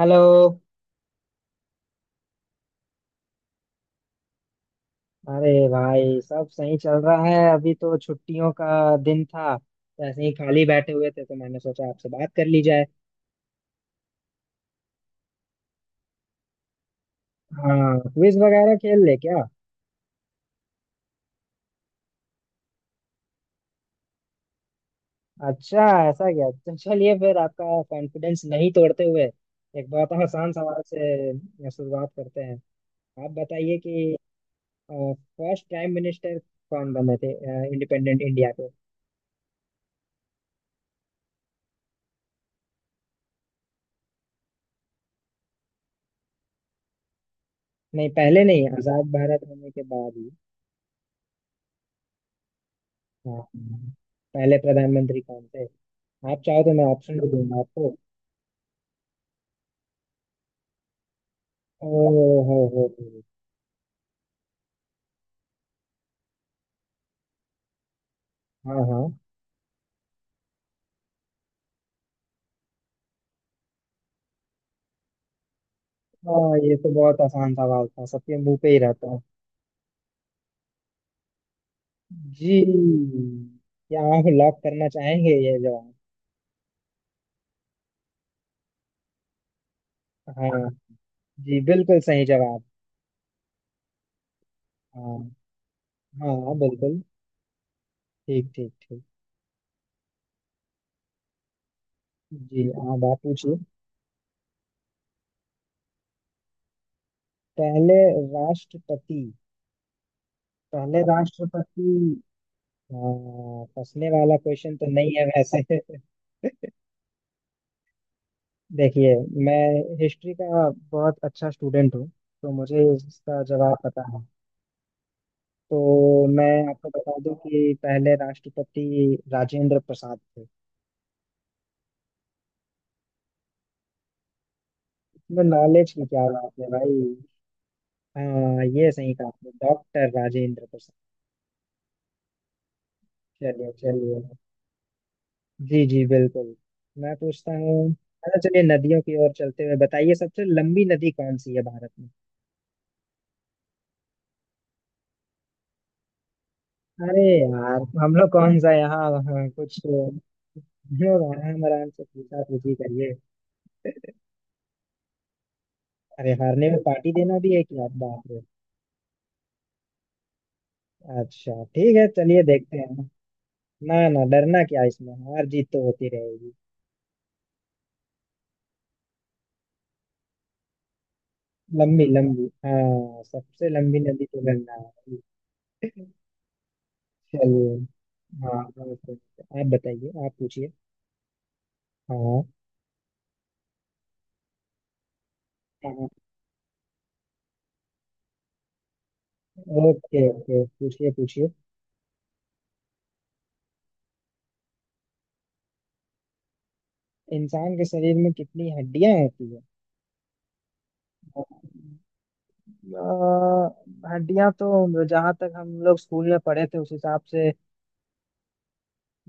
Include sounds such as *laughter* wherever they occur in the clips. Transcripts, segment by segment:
Hello. अरे भाई सब सही चल रहा है। अभी तो छुट्टियों का दिन था तो ऐसे ही खाली बैठे हुए थे तो मैंने सोचा आपसे बात कर ली जाए। हाँ क्विज वगैरह खेल ले क्या। अच्छा ऐसा क्या? तो चलिए फिर आपका कॉन्फिडेंस नहीं तोड़ते हुए एक बहुत आसान सवाल से शुरुआत करते हैं। आप बताइए कि फर्स्ट प्राइम मिनिस्टर कौन बने थे इंडिपेंडेंट इंडिया के। नहीं पहले नहीं, आजाद भारत होने के बाद ही। हाँ, पहले प्रधानमंत्री कौन थे? आप चाहो तो मैं ऑप्शन भी दूंगा आपको। ओ हो हो। हाँ हाँ हाँ, ये तो बहुत आसान सवाल था, सबके मुंह पे ही रहता है। जी, क्या आप लॉक करना चाहेंगे ये जवाब? हाँ, जी बिल्कुल सही जवाब। हाँ हाँ, हाँ, बिल्कुल। ठीक ठीक ठीक। जी अब आप पूछिए। पहले राष्ट्रपति, पहले राष्ट्रपति, हाँ फंसने वाला क्वेश्चन तो नहीं है वैसे। *laughs* देखिए मैं हिस्ट्री का बहुत अच्छा स्टूडेंट हूँ, तो मुझे इसका जवाब पता है। तो मैं आपको बता दूं कि पहले राष्ट्रपति राजेंद्र प्रसाद थे। मैं, नॉलेज की क्या बात है भाई। हाँ ये सही कहा आपने, डॉक्टर राजेंद्र प्रसाद। चलिए चलिए। जी जी बिल्कुल। मैं पूछता हूँ। अच्छा चलिए नदियों की ओर चलते हुए बताइए सबसे लंबी नदी कौन सी है भारत में। अरे यार हम लोग कौन सा यहाँ, हाँ, हाँ, कुछ हम लोग आराम आराम से पूछा पूछी करिए। अरे हारने में पार्टी देना भी है क्या, बाप रे। अच्छा ठीक है चलिए देखते हैं। ना ना, डरना क्या इसमें, हार जीत तो होती रहेगी। लंबी लंबी, हाँ सबसे लंबी नदी तो गंगा है। चलिए। हाँ ओके, ओके। आप बताइए आप पूछिए। हाँ हाँ। ओके ओके पूछिए पूछिए। इंसान के शरीर में कितनी हड्डियां होती है? हड्डियां तो जहां तक हम लोग स्कूल में पढ़े थे उस हिसाब से,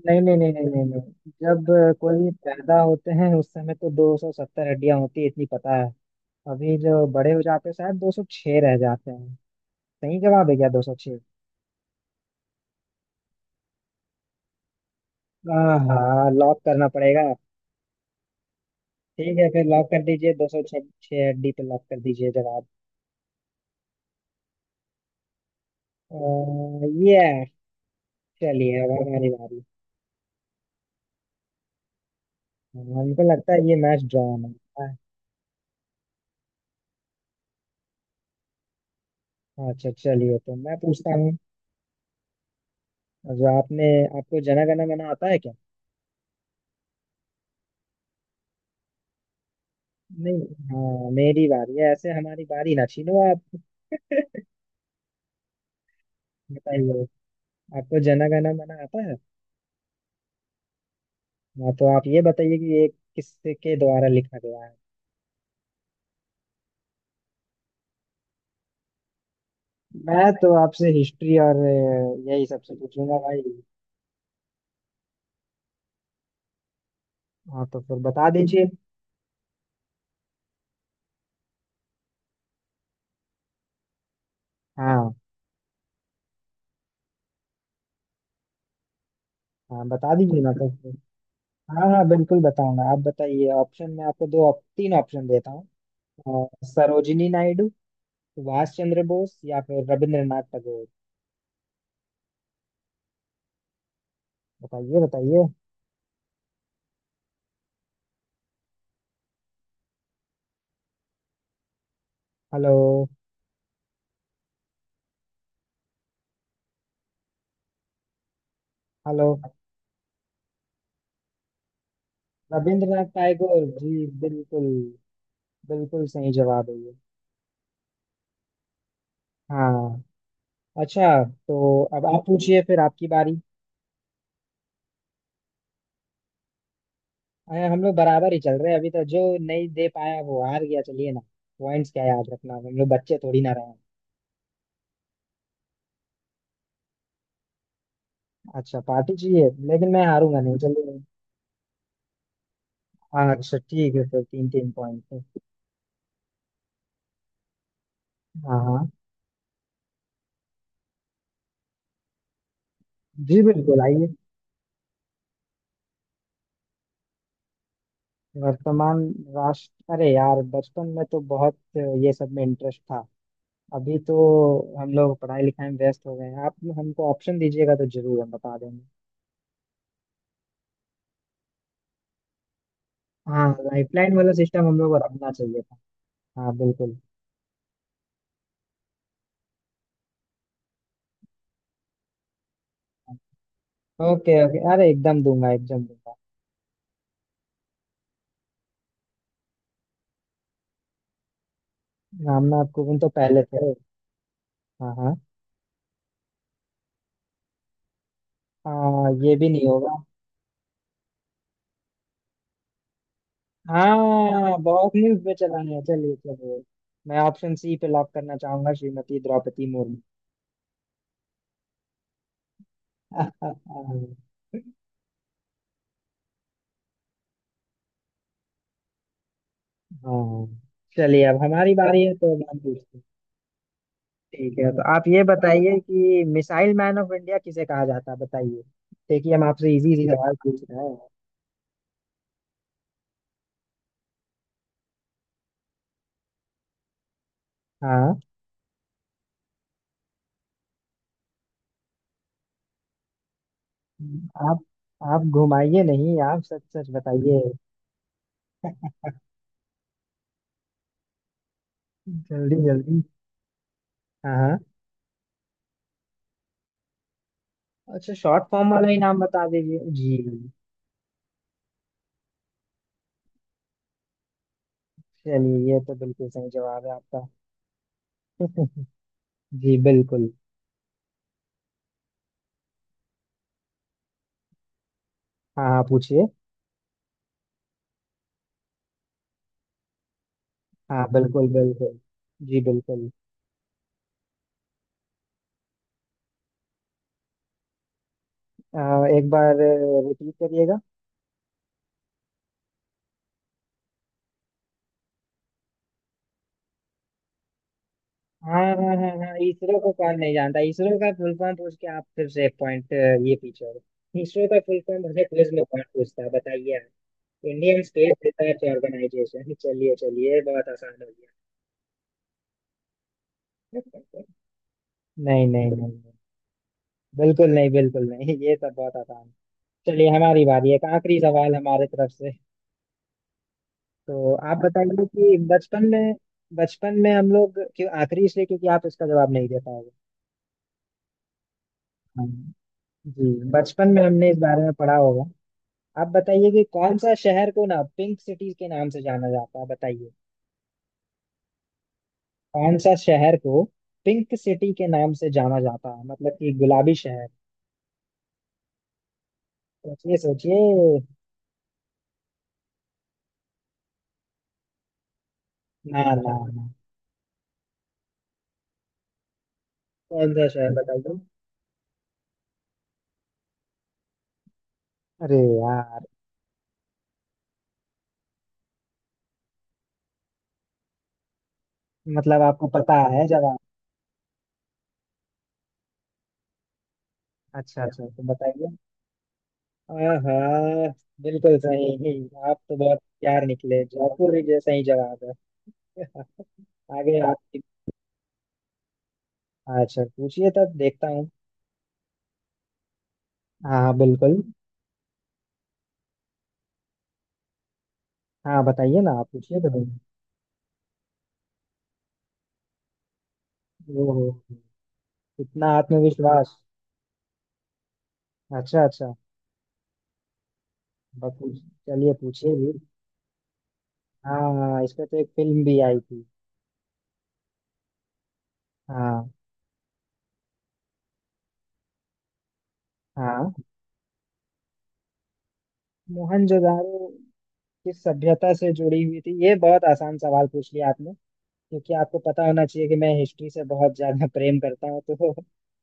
नहीं नहीं नहीं नहीं नहीं नहीं, जब कोई पैदा होते हैं उस समय तो 270 हड्डियां होती है, इतनी पता है। अभी जो बड़े हो जाते हैं शायद 206 रह जाते हैं। सही जवाब है क्या, 206? हाँ हाँ लॉक करना पड़ेगा। ठीक है फिर लॉक कर दीजिए, 206 हड्डी पे लॉक कर दीजिए जवाब ये। चलिए अब हमारी बारी। हाँ, हमको लगता है ये मैच ड्रॉ होने वाला है। अच्छा चलिए तो मैं पूछता हूँ। जो आपने, आपको जना गण मन आता है क्या? नहीं, हाँ मेरी बारी है, ऐसे हमारी बारी ना छीनो आप। *laughs* बताइए आपको जना गण मना आता है? हाँ तो आप ये बताइए कि ये किसके द्वारा लिखा गया है? मैं तो आपसे हिस्ट्री और यही सबसे पूछूंगा भाई। हाँ तो फिर बता दीजिए। हाँ हाँ बता दीजिए ना तो फिर। हाँ हाँ बिल्कुल बताऊंगा, आप बताइए, ऑप्शन में आपको तीन ऑप्शन देता हूँ। सरोजिनी नायडू, सुभाष चंद्र बोस या फिर रविंद्रनाथ टैगोर। बताइए बताइए। हेलो। हेलो। रविंद्रनाथ टैगोर जी, बिल्कुल बिल्कुल सही जवाब है ये। हाँ। अच्छा तो अब आप पूछिए, फिर आपकी बारी। अरे हम लोग बराबर ही चल रहे हैं अभी तो, जो नहीं दे पाया वो हार गया चलिए ना। पॉइंट्स क्या याद रखना, हम लोग बच्चे थोड़ी ना रहे हैं। अच्छा पार्टी चाहिए, लेकिन मैं हारूंगा नहीं चलिए। हाँ अच्छा ठीक है फिर, तीन तीन पॉइंट। हाँ हाँ जी बिल्कुल आइए। वर्तमान राष्ट्र, अरे यार बचपन में तो बहुत ये सब में इंटरेस्ट था, अभी तो हम लोग पढ़ाई लिखाई में व्यस्त हो गए हैं, आप हमको ऑप्शन दीजिएगा तो जरूर हम बता देंगे। हाँ लाइफलाइन वाला सिस्टम हम लोग को रखना चाहिए था, हाँ बिल्कुल। ओके ओके अरे एकदम दूंगा एकदम दूंगा। हम ना आपको, उन तो पहले थे। हाँ हाँ, हाँ ये भी नहीं होगा। हाँ बहुत न्यूज पे चला है, चलिए चलिए। मैं ऑप्शन सी पे लॉक करना चाहूंगा, श्रीमती द्रौपदी मुर्मू। *laughs* हाँ। चलिए अब हमारी बारी है तो हम पूछते हैं। ठीक है तो आप ये बताइए कि मिसाइल मैन ऑफ इंडिया किसे कहा जाता है, बताइए। देखिए हम आपसे इजी इजी सवाल पूछ रहे हैं। हाँ। आप आप घुमाइए नहीं, आप सच सच बताइए। जल्दी जल्दी। हाँ हाँ। अच्छा शॉर्ट फॉर्म वाला ही नाम बता दीजिए जी। चलिए ये तो बिल्कुल सही जवाब है आपका। *laughs* जी बिल्कुल। हाँ हाँ पूछिए। हाँ बिल्कुल बिल्कुल, जी बिल्कुल। अ, एक बार रिपीट करिएगा। हाँ हाँ हाँ हाँ इसरो को कौन नहीं जानता, इसरो का फुल फॉर्म पूछ के आप फिर से पॉइंट ये पीछे हो गए। इसरो का फुल फॉर्म मुझे क्विज में कौन पूछता है बताइए आप। इंडियन स्पेस रिसर्च ऑर्गेनाइजेशन, चलिए चलिए ये बहुत आसान हो गया। नहीं नहीं नहीं नहीं, बिल्कुल नहीं बिल्कुल नहीं, ये सब बहुत आसान है। चलिए हमारी बारी है, एक आखिरी सवाल हमारे तरफ से। तो आप बताइए कि बचपन में, बचपन में हम लोग, क्यों आखिरी इसलिए क्योंकि आप इसका जवाब नहीं दे पाओगे। हाँ, जी बचपन में हमने इस बारे में पढ़ा होगा। आप बताइए कि कौन सा शहर को ना पिंक सिटी के नाम से जाना जाता है, बताइए। कौन सा शहर को पिंक सिटी के नाम से जाना जाता है, मतलब कि गुलाबी शहर। सोचिए सोचिए। ना ना ना, कौन सा शहर बताइए। अरे यार, मतलब आपको पता है जवाब? अच्छा अच्छा तो बताइए। आहा, बिल्कुल सही। आप तो बहुत प्यार निकले, जयपुर ही, जैसा ही जवाब है। *laughs* आगे आप। अच्छा पूछिए तब देखता हूँ। हाँ हाँ बिल्कुल। हाँ बताइए ना, आप पूछिए तो। ओहो, इतना आत्मविश्वास। अच्छा अच्छा। बस पूछ- चलिए पूछिए भी। हाँ हाँ, इस पे तो एक फिल्म भी आई थी। हाँ हाँ मोहनजोदारो किस सभ्यता से जुड़ी हुई थी, ये बहुत आसान सवाल पूछ लिया आपने, क्योंकि आपको पता होना चाहिए कि मैं हिस्ट्री से बहुत ज्यादा *laughs* प्रेम करता हूँ, तो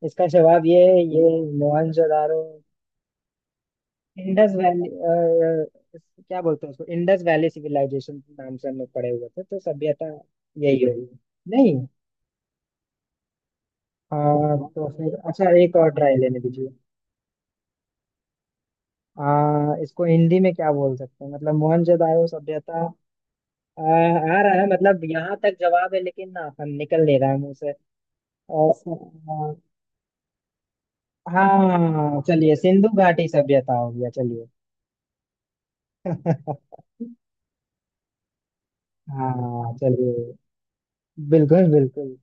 इसका जवाब ये है ये। मोहनजोदारो इंडस वैली, क्या बोलते हैं उसको, इंडस वैली सिविलाइजेशन नाम से हम लोग पढ़े हुए थे, तो सभ्यता यही होगी। नहीं, हाँ तो फिर अच्छा एक और ट्राई लेने दीजिए। इसको हिंदी में क्या बोल सकते हैं मतलब, मोहनजोदाड़ो सभ्यता। आ रहा है मतलब यहाँ तक जवाब है लेकिन ना, हम निकल नहीं रहा है मुंह से। और स- हाँ चलिए, सिंधु घाटी सभ्यता हो गया चलिए। *laughs* हाँ चलिए, बिल्कुल बिल्कुल।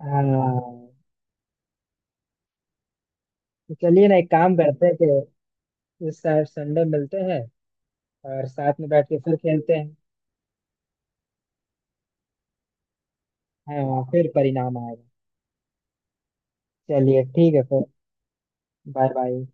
हाँ तो चलिए ना एक काम करते हैं कि इस साल संडे मिलते हैं और साथ में बैठ के फिर खेलते हैं। हाँ फिर परिणाम आएगा। चलिए ठीक है फिर। Bye bye.